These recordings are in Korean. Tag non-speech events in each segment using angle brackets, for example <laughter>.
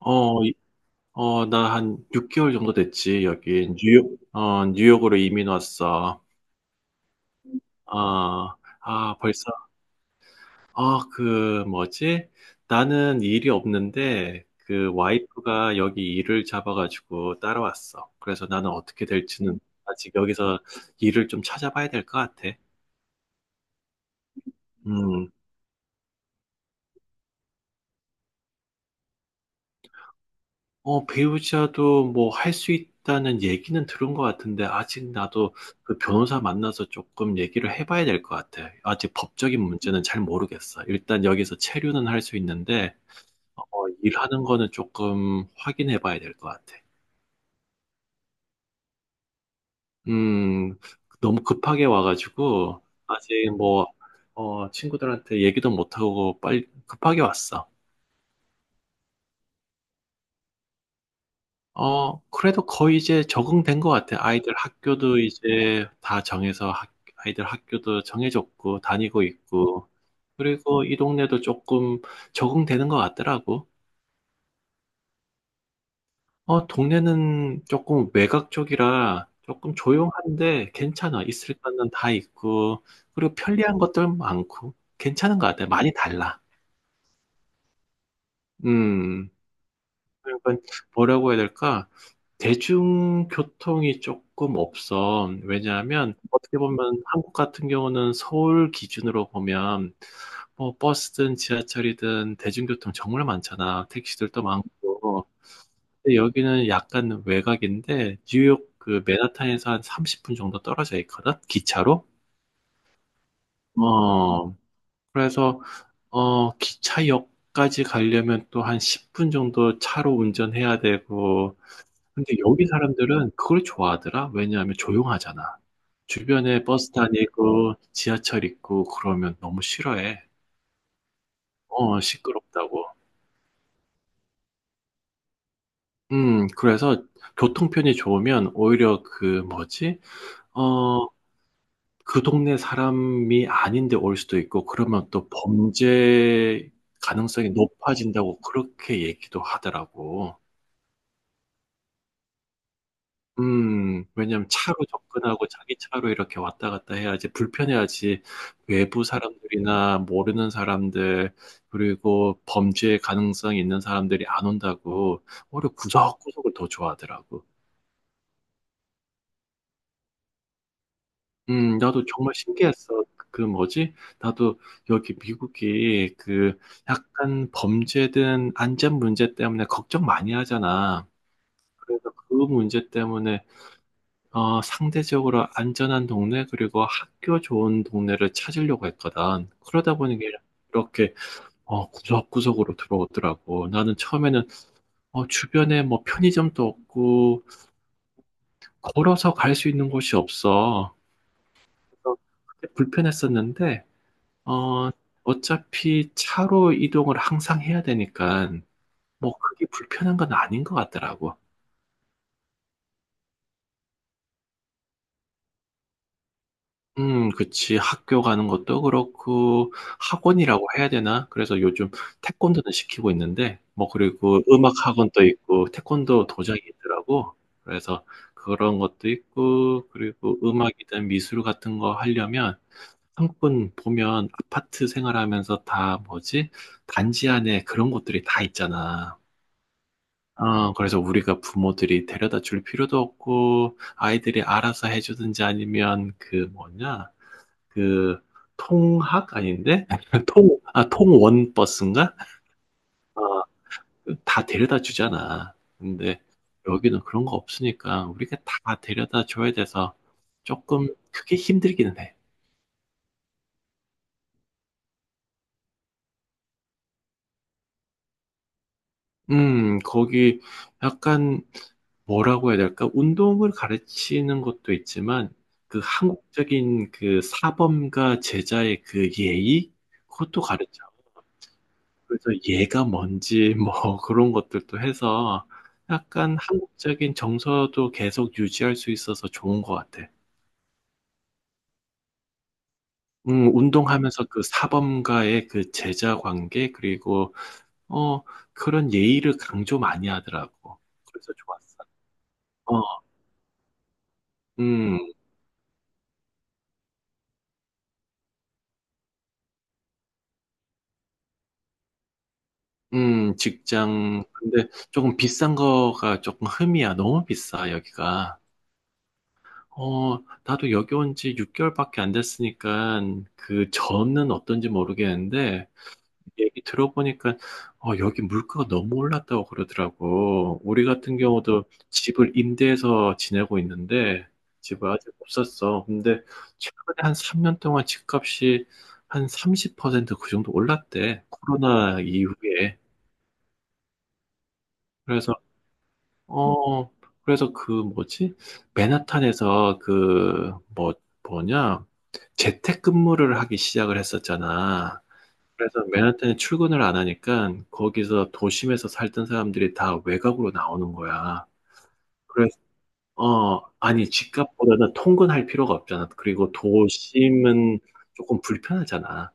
어, 이- 나 한 6개월 정도 됐지, 여기. 뉴욕으로 이민 왔어. 아, 벌써, 그, 뭐지? 나는 일이 없는데, 그 와이프가 여기 일을 잡아가지고 따라왔어. 그래서 나는 어떻게 될지는 아직 여기서 일을 좀 찾아봐야 될 것 같아. 음. 배우자도 뭐 할 수 있다는 얘기는 들은 것 같은데, 아직 나도 그 변호사 만나서 조금 얘기를 해봐야 될 것 같아. 아직 법적인 문제는 잘 모르겠어. 일단 여기서 체류는 할 수 있는데, 어, 일하는 거는 조금 확인해봐야 될 것 같아. 음, 너무 급하게 와가지고, 아직 뭐, 친구들한테 얘기도 못하고 빨리 급하게 왔어. 그래도 거의 이제 적응된 것 같아. 아이들 학교도 이제 다 정해서 아이들 학교도 정해졌고, 다니고 있고, 그리고 이 동네도 조금 적응되는 것 같더라고. 동네는 조금 외곽 쪽이라 조금 조용한데 괜찮아. 있을 거는 다 있고, 그리고 편리한 것들 많고, 괜찮은 것 같아. 많이 달라. 음. 약간 뭐라고 해야 될까? 대중교통이 조금 없어. 왜냐하면 어떻게 보면 한국 같은 경우는 서울 기준으로 보면 뭐 버스든 지하철이든 대중교통 정말 많잖아. 택시들도 많고. 근데 여기는 약간 외곽인데 뉴욕 그 맨하탄에서 한 30분 정도 떨어져 있거든. 기차로. 어. 그래서 기차역까지 가려면 또 한 10분 정도 차로 운전해야 되고 근데 여기 사람들은 그걸 좋아하더라. 왜냐하면 조용하잖아. 주변에 버스 다니고 지하철 있고 그러면 너무 싫어해. 시끄럽다고. 그래서 교통편이 좋으면 오히려 그 뭐지? 어, 그 동네 사람이 아닌데 올 수도 있고 그러면 또 범죄 가능성이 높아진다고 그렇게 얘기도 하더라고. 왜냐면 차로 접근하고 자기 차로 이렇게 왔다 갔다 해야지 불편해야지 외부 사람들이나 모르는 사람들 그리고 범죄 가능성이 있는 사람들이 안 온다고 오히려 구석구석을 더 좋아하더라고. 나도 정말 신기했어. 그 뭐지? 나도 여기 미국이 그 약간 범죄든 안전 문제 때문에 걱정 많이 하잖아. 그래서 그 문제 때문에 상대적으로 안전한 동네, 그리고 학교 좋은 동네를 찾으려고 했거든. 그러다 보니까 이렇게, 구석구석으로 들어오더라고. 나는 처음에는, 주변에 뭐 편의점도 없고, 걸어서 갈 수 있는 곳이 없어. 그래서 그때 불편했었는데, 어, 어차피 차로 이동을 항상 해야 되니까, 뭐 그게 불편한 건 아닌 것 같더라고. 그치. 학교 가는 것도 그렇고, 학원이라고 해야 되나? 그래서 요즘 태권도는 시키고 있는데, 뭐, 그리고 음악 학원도 있고, 태권도 도장이 있더라고. 그래서 그런 것도 있고, 그리고 음악이든 미술 같은 거 하려면, 한국은 보면 아파트 생활하면서 다 뭐지? 단지 안에 그런 것들이 다 있잖아. 그래서 우리가 부모들이 데려다 줄 필요도 없고, 아이들이 알아서 해주든지 아니면 그 뭐냐? 그 통학 아닌데 <laughs> 통원 버스인가? 아, 다 데려다 주잖아. 근데 여기는 그런 거 없으니까 우리가 다 데려다 줘야 돼서 조금 그게 힘들기는 해. 거기 약간 뭐라고 해야 될까? 운동을 가르치는 것도 있지만 그 한국적인 그 사범과 제자의 그 예의 그것도 가르쳐. 그래서 얘가 뭔지 뭐 <laughs> 그런 것들도 해서 약간 한국적인 정서도 계속 유지할 수 있어서 좋은 것 같아. 운동하면서 그 사범과의 그 제자 관계, 그리고, 어, 그런 예의를 강조 많이 하더라고. 그래서 좋았어. 어, 음, 직장. 근데 조금 비싼 거가 조금 흠이야. 너무 비싸, 여기가. 나도 여기 온 지 6개월밖에 안 됐으니까 그 전은 어떤지 모르겠는데, 얘기 들어보니까 여기 물가가 너무 올랐다고 그러더라고. 우리 같은 경우도 집을 임대해서 지내고 있는데 집을 아직 못 샀어. 근데 최근에 한 3년 동안 집값이 한 30%그 정도 올랐대. 코로나 이후에. 그래서 어 그래서 그 뭐지? 맨하탄에서 그 뭐 뭐냐? 재택근무를 하기 시작을 했었잖아. 그래서 맨하탄에 출근을 안 하니까 거기서 도심에서 살던 사람들이 다 외곽으로 나오는 거야. 그래서, 아니, 집값보다는 통근할 필요가 없잖아. 그리고 도심은 조금 불편하잖아.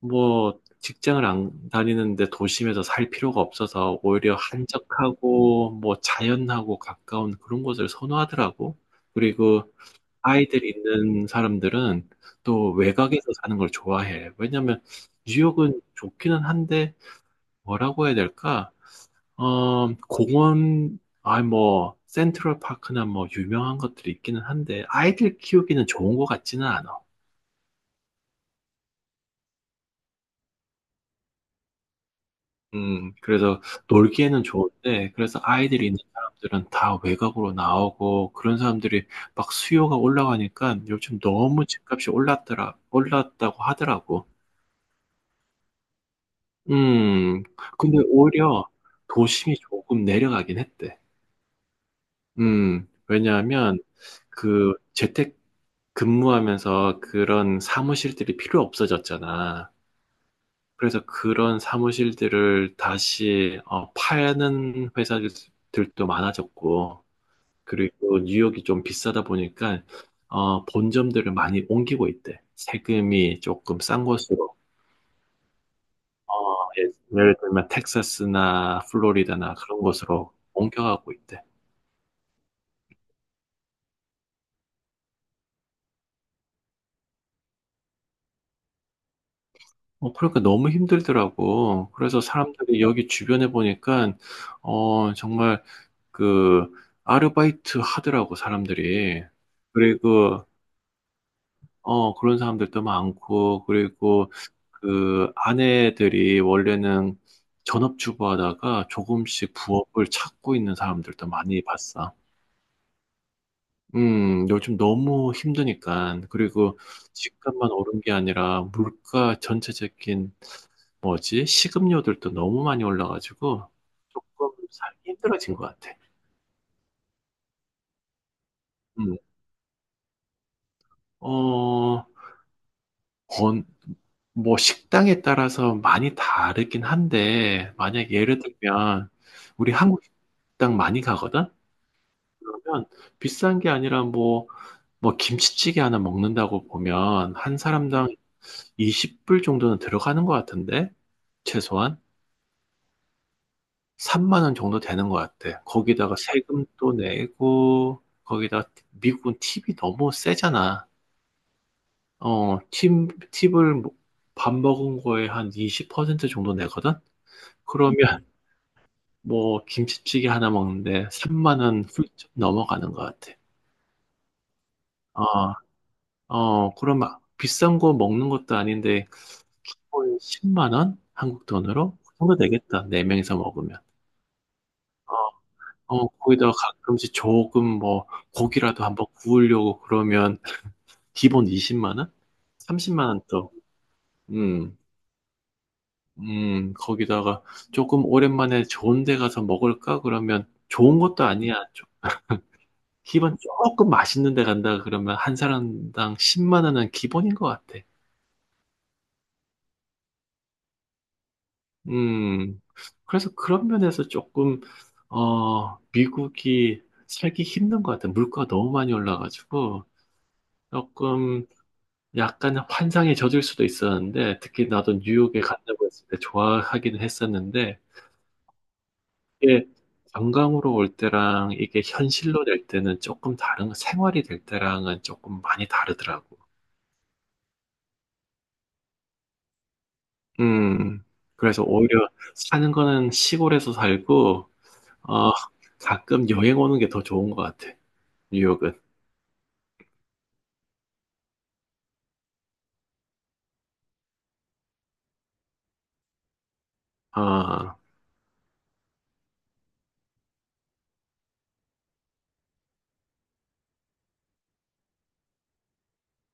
뭐, 직장을 안 다니는데 도심에서 살 필요가 없어서 오히려 한적하고 뭐 자연하고 가까운 그런 곳을 선호하더라고. 그리고 아이들 있는 사람들은 또 외곽에서 사는 걸 좋아해. 왜냐면 뉴욕은 좋기는 한데 뭐라고 해야 될까? 공원, 뭐, 센트럴 파크나 뭐, 유명한 것들이 있기는 한데, 아이들 키우기는 좋은 것 같지는 않아. 그래서 놀기에는 좋은데, 그래서 아이들이 있는 사람들은 다 외곽으로 나오고, 그런 사람들이 막 수요가 올라가니까 요즘 너무 집값이 올랐더라, 올랐다고 하더라고. 음, 근데 오히려 도심이 조금 내려가긴 했대. 왜냐하면 그 재택 근무하면서 그런 사무실들이 필요 없어졌잖아. 그래서 그런 사무실들을 다시 파는 회사들도 많아졌고, 그리고 뉴욕이 좀 비싸다 보니까 본점들을 많이 옮기고 있대. 세금이 조금 싼 곳으로, 어, 예, 예를 들면 텍사스나 플로리다나 그런 곳으로 옮겨가고 있대. 그러니까 너무 힘들더라고. 그래서 사람들이 여기 주변에 보니까 정말 그 아르바이트 하더라고 사람들이. 그리고 그런 사람들도 많고 그리고 그 아내들이 원래는 전업주부 하다가 조금씩 부업을 찾고 있는 사람들도 많이 봤어. 요즘 너무 힘드니까. 그리고 집값만 오른 게 아니라 물가 전체적인 뭐지? 식음료들도 너무 많이 올라가지고 조금 살기 힘들어진 것 같아. 음, 어, 번, 뭐 식당에 따라서 많이 다르긴 한데 만약 예를 들면 우리 한국 식당 많이 가거든? 그러면 비싼 게 아니라 뭐 김치찌개 하나 먹는다고 보면 한 사람당 20불 정도는 들어가는 것 같은데 최소한 3만 원 정도 되는 것 같아. 거기다가 세금도 내고 거기다 미국은 팁이 너무 세잖아. 어, 팁, 팁을 뭐밥 먹은 거에 한 20% 정도 내거든? 그러면 뭐 김치찌개 하나 먹는데 3만 원 훌쩍 넘어가는 것 같아. 어, 그럼 막 비싼 거 먹는 것도 아닌데 기본 10만 원? 한국 돈으로? 그 정도 되겠다. 네명이서 먹으면. 어, 거기다가 가끔씩 조금 뭐 고기라도 한번 구우려고 그러면 기본 20만 원? 30만 원 또. 음, 거기다가 조금 오랜만에 좋은 데 가서 먹을까? 그러면 좋은 것도 아니야. 기본 조금 맛있는 데 간다 그러면 한 사람당 10만 원은 기본인 것 같아. 음, 그래서 그런 면에서 조금, 미국이 살기 힘든 것 같아. 물가가 너무 많이 올라가지고, 조금 약간 환상에 젖을 수도 있었는데, 특히 나도 뉴욕에 간다고 했을 때 좋아하기는 했었는데, 이게 관광으로 올 때랑 이게 현실로 될 때는 조금 다른, 생활이 될 때랑은 조금 많이 다르더라고. 음, 그래서 오히려 사는 거는 시골에서 살고, 어, 가끔 여행 오는 게 더 좋은 것 같아, 뉴욕은. 아,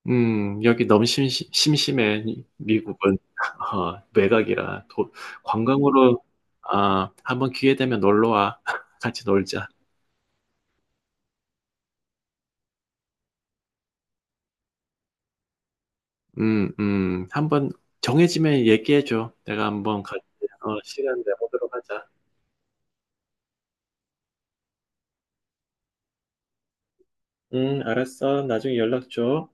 여기 너무 심심해, 미국은. <laughs> 외곽이라. 관광으로, 한번 기회 되면 놀러 와. <laughs> 같이 놀자. 한번 정해지면 얘기해줘. 내가 한번 같이, 시간 내보도록 하자. 알았어. 나중에 연락 줘.